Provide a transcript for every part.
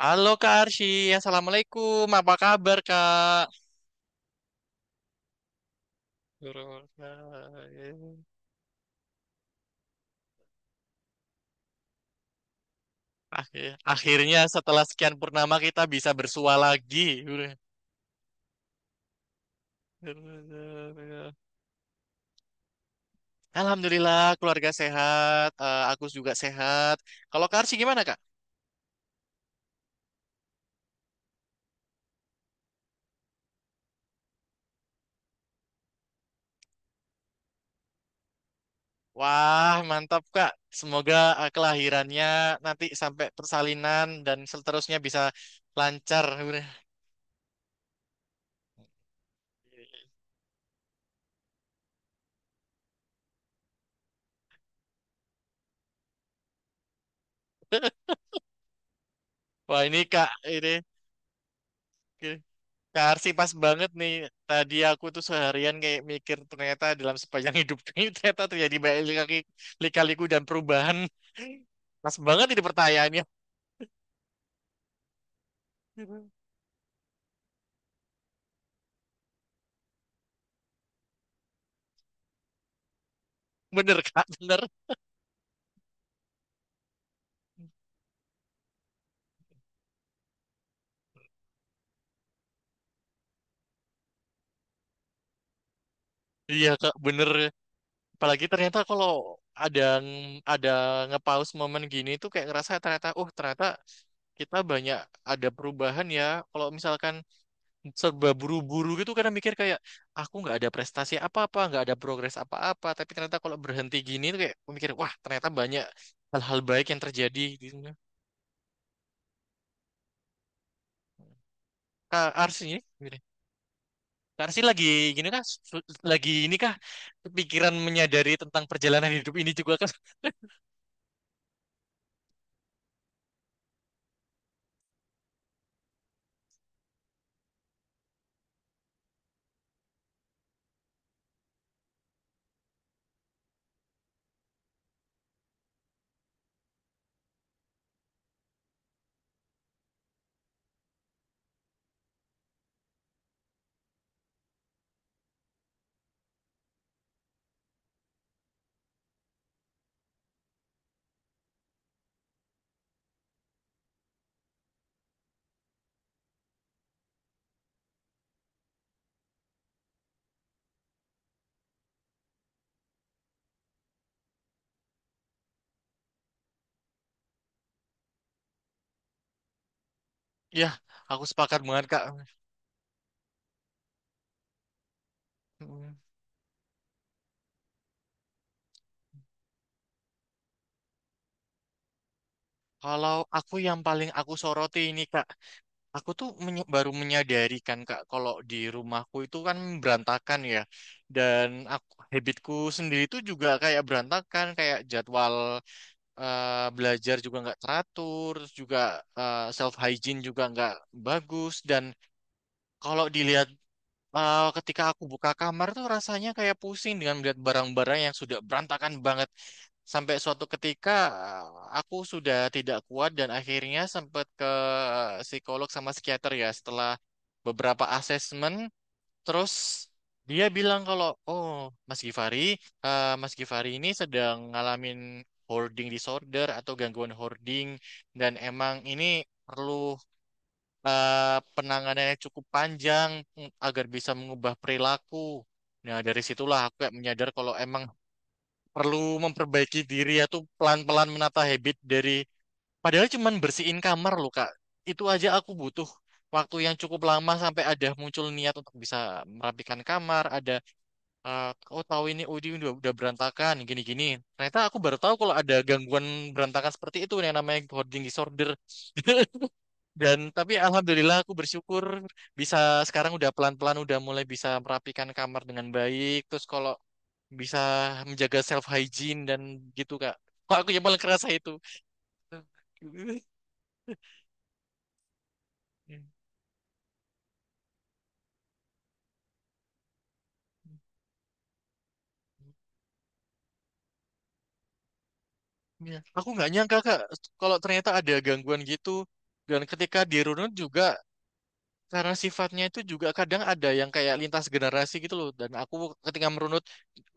Halo Kak Arsy, Assalamualaikum. Apa kabar Kak? Akhirnya setelah sekian purnama kita bisa bersua lagi. Alhamdulillah keluarga sehat, aku juga sehat. Kalau Kak Arsy gimana Kak? Wah mantap Kak. Semoga kelahirannya nanti sampai persalinan dan seterusnya bisa lancar. Wah ini. Kak Arsi pas banget nih. Tadi aku tuh seharian kayak mikir ternyata dalam sepanjang hidup ini ternyata terjadi banyak lika-liku dan perubahan. Pas banget ini pertanyaannya. Bener Kak, bener. Iya Kak, bener. Apalagi ternyata kalau ada ada ngepaus momen gini tuh kayak ngerasa ternyata, oh ternyata kita banyak ada perubahan ya. Kalau misalkan serba buru-buru gitu karena mikir kayak aku nggak ada prestasi apa-apa nggak ada progres apa-apa tapi ternyata kalau berhenti gini tuh kayak aku mikir wah ternyata banyak hal-hal baik yang terjadi gitu. Kak Arsi ini gini. Kak Arsi lagi gini kan lagi ini kah pikiran menyadari tentang perjalanan hidup ini juga kan. Ya, aku sepakat banget Kak. Hmm. Kalau aku yang paling aku soroti ini Kak. Aku tuh baru menyadari kan Kak kalau di rumahku itu kan berantakan ya. Dan aku habitku sendiri tuh juga kayak berantakan, kayak jadwal belajar juga nggak teratur, terus juga self hygiene juga nggak bagus dan kalau dilihat ketika aku buka kamar tuh rasanya kayak pusing dengan melihat barang-barang yang sudah berantakan banget. Sampai suatu ketika eh, aku sudah tidak kuat dan akhirnya sempat ke psikolog sama psikiater ya setelah beberapa asesmen. Terus dia bilang kalau, oh Mas Gifari, Mas Gifari ini sedang ngalamin hoarding disorder atau gangguan hoarding dan emang ini perlu penanganan yang cukup panjang, agar bisa mengubah perilaku. Nah, dari situlah aku kayak menyadar kalau emang perlu memperbaiki diri atau pelan-pelan menata habit dari padahal cuman bersihin kamar loh, Kak. Itu aja aku butuh waktu yang cukup lama sampai ada muncul niat untuk bisa merapikan kamar, ada eh, oh tahu ini oh, ini udah berantakan gini-gini. Ternyata aku baru tahu kalau ada gangguan berantakan seperti itu yang namanya hoarding disorder. Dan tapi alhamdulillah aku bersyukur bisa sekarang udah pelan-pelan udah mulai bisa merapikan kamar dengan baik. Terus kalau bisa menjaga self hygiene dan gitu Kak. Kok aku yang paling kerasa itu. Ya, aku nggak nyangka Kak kalau ternyata ada gangguan gitu. Dan ketika di runut juga. Karena sifatnya itu juga kadang ada yang kayak lintas generasi gitu loh. Dan aku ketika merunut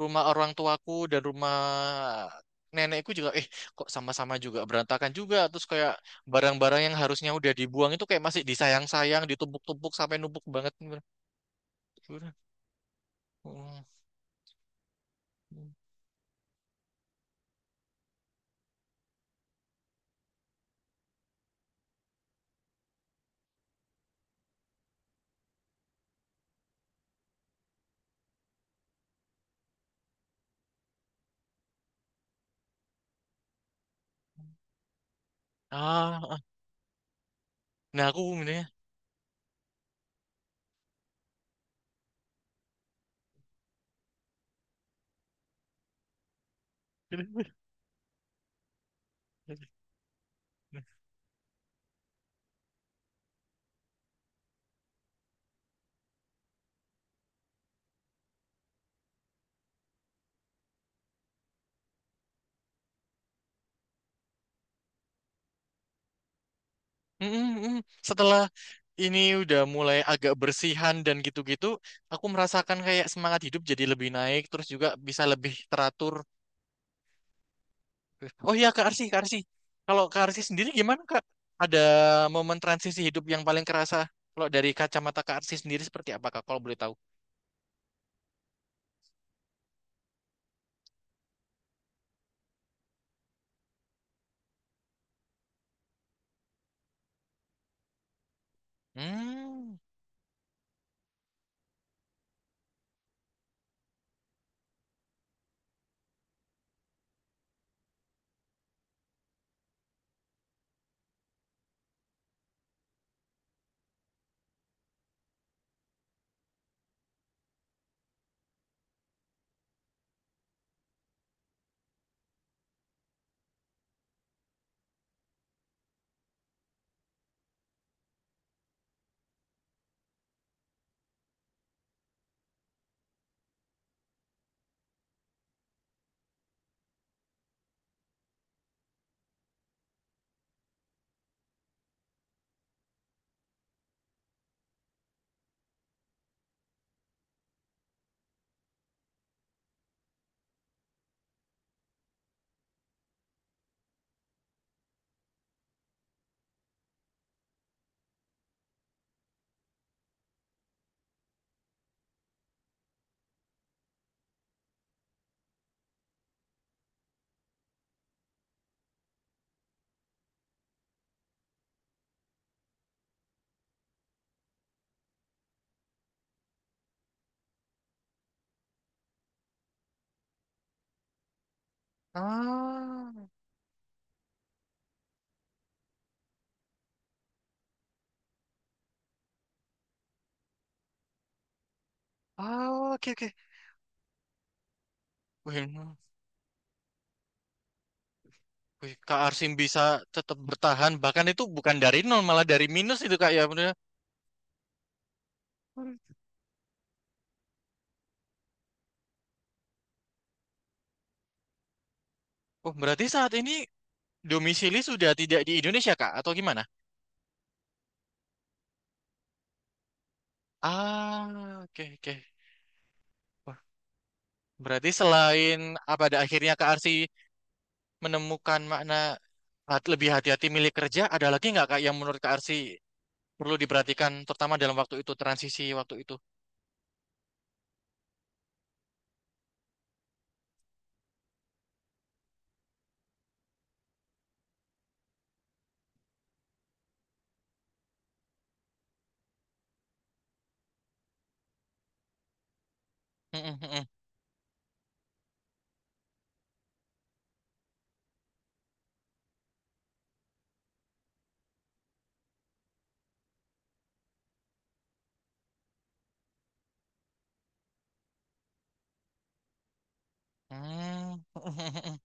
rumah orang tuaku dan rumah nenekku juga, kok sama-sama juga berantakan juga. Terus kayak barang-barang yang harusnya udah dibuang itu kayak masih disayang-sayang, ditumpuk-tumpuk sampai numpuk banget. Gimana? Ah, ah. Nah aku ini. Mm, mm, mm. Setelah ini udah mulai agak bersihan dan gitu-gitu, aku merasakan kayak semangat hidup jadi lebih naik, terus juga bisa lebih teratur. Oh iya, Kak Arsi, Kak Arsi. Kalau Kak Arsi sendiri gimana, Kak? Ada momen transisi hidup yang paling kerasa? Kalau dari kacamata Kak Arsi sendiri seperti apa, Kak? Kalau boleh tahu. Hmm. Ah. Ah, oke, oke. Wih, wih, Kak Arsi bisa tetap bertahan, bahkan itu bukan dari nol, malah dari minus itu, Kak, ya. Bener. Oh, berarti saat ini domisili sudah tidak di Indonesia, Kak, atau gimana? Ah, oke, oke. Wah, berarti selain ah, pada akhirnya Kak Arsi menemukan makna lebih hati-hati milik kerja, ada lagi nggak, Kak, yang menurut Kak Arsi perlu diperhatikan, terutama dalam waktu itu, transisi waktu itu? Mm, mm, mm, mm. Mm, mm, mm, mm.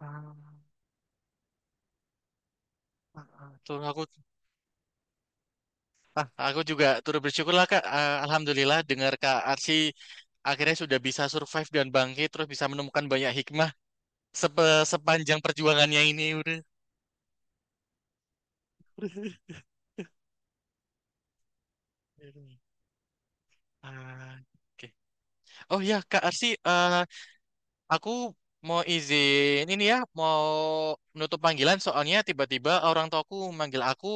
Ah, ah, ah. Tuh, aku, ah, aku juga turut bersyukur lah, Kak. Ah, Alhamdulillah, dengar Kak Arsi akhirnya sudah bisa survive dan bangkit, terus bisa menemukan banyak hikmah sepanjang perjuangannya ini. Ah, oke. Oh ya, Kak Arsi, aku mau izin ini ya, mau menutup panggilan soalnya tiba-tiba orang tuaku manggil aku,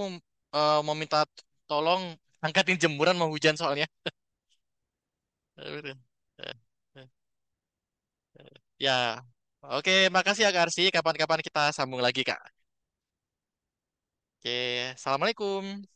mau minta tolong angkatin jemuran mau hujan soalnya. Eh, eh, eh. Ya. Oke, makasih ya Kak Arsi. Kapan-kapan kita sambung lagi, Kak. Oke, Assalamualaikum.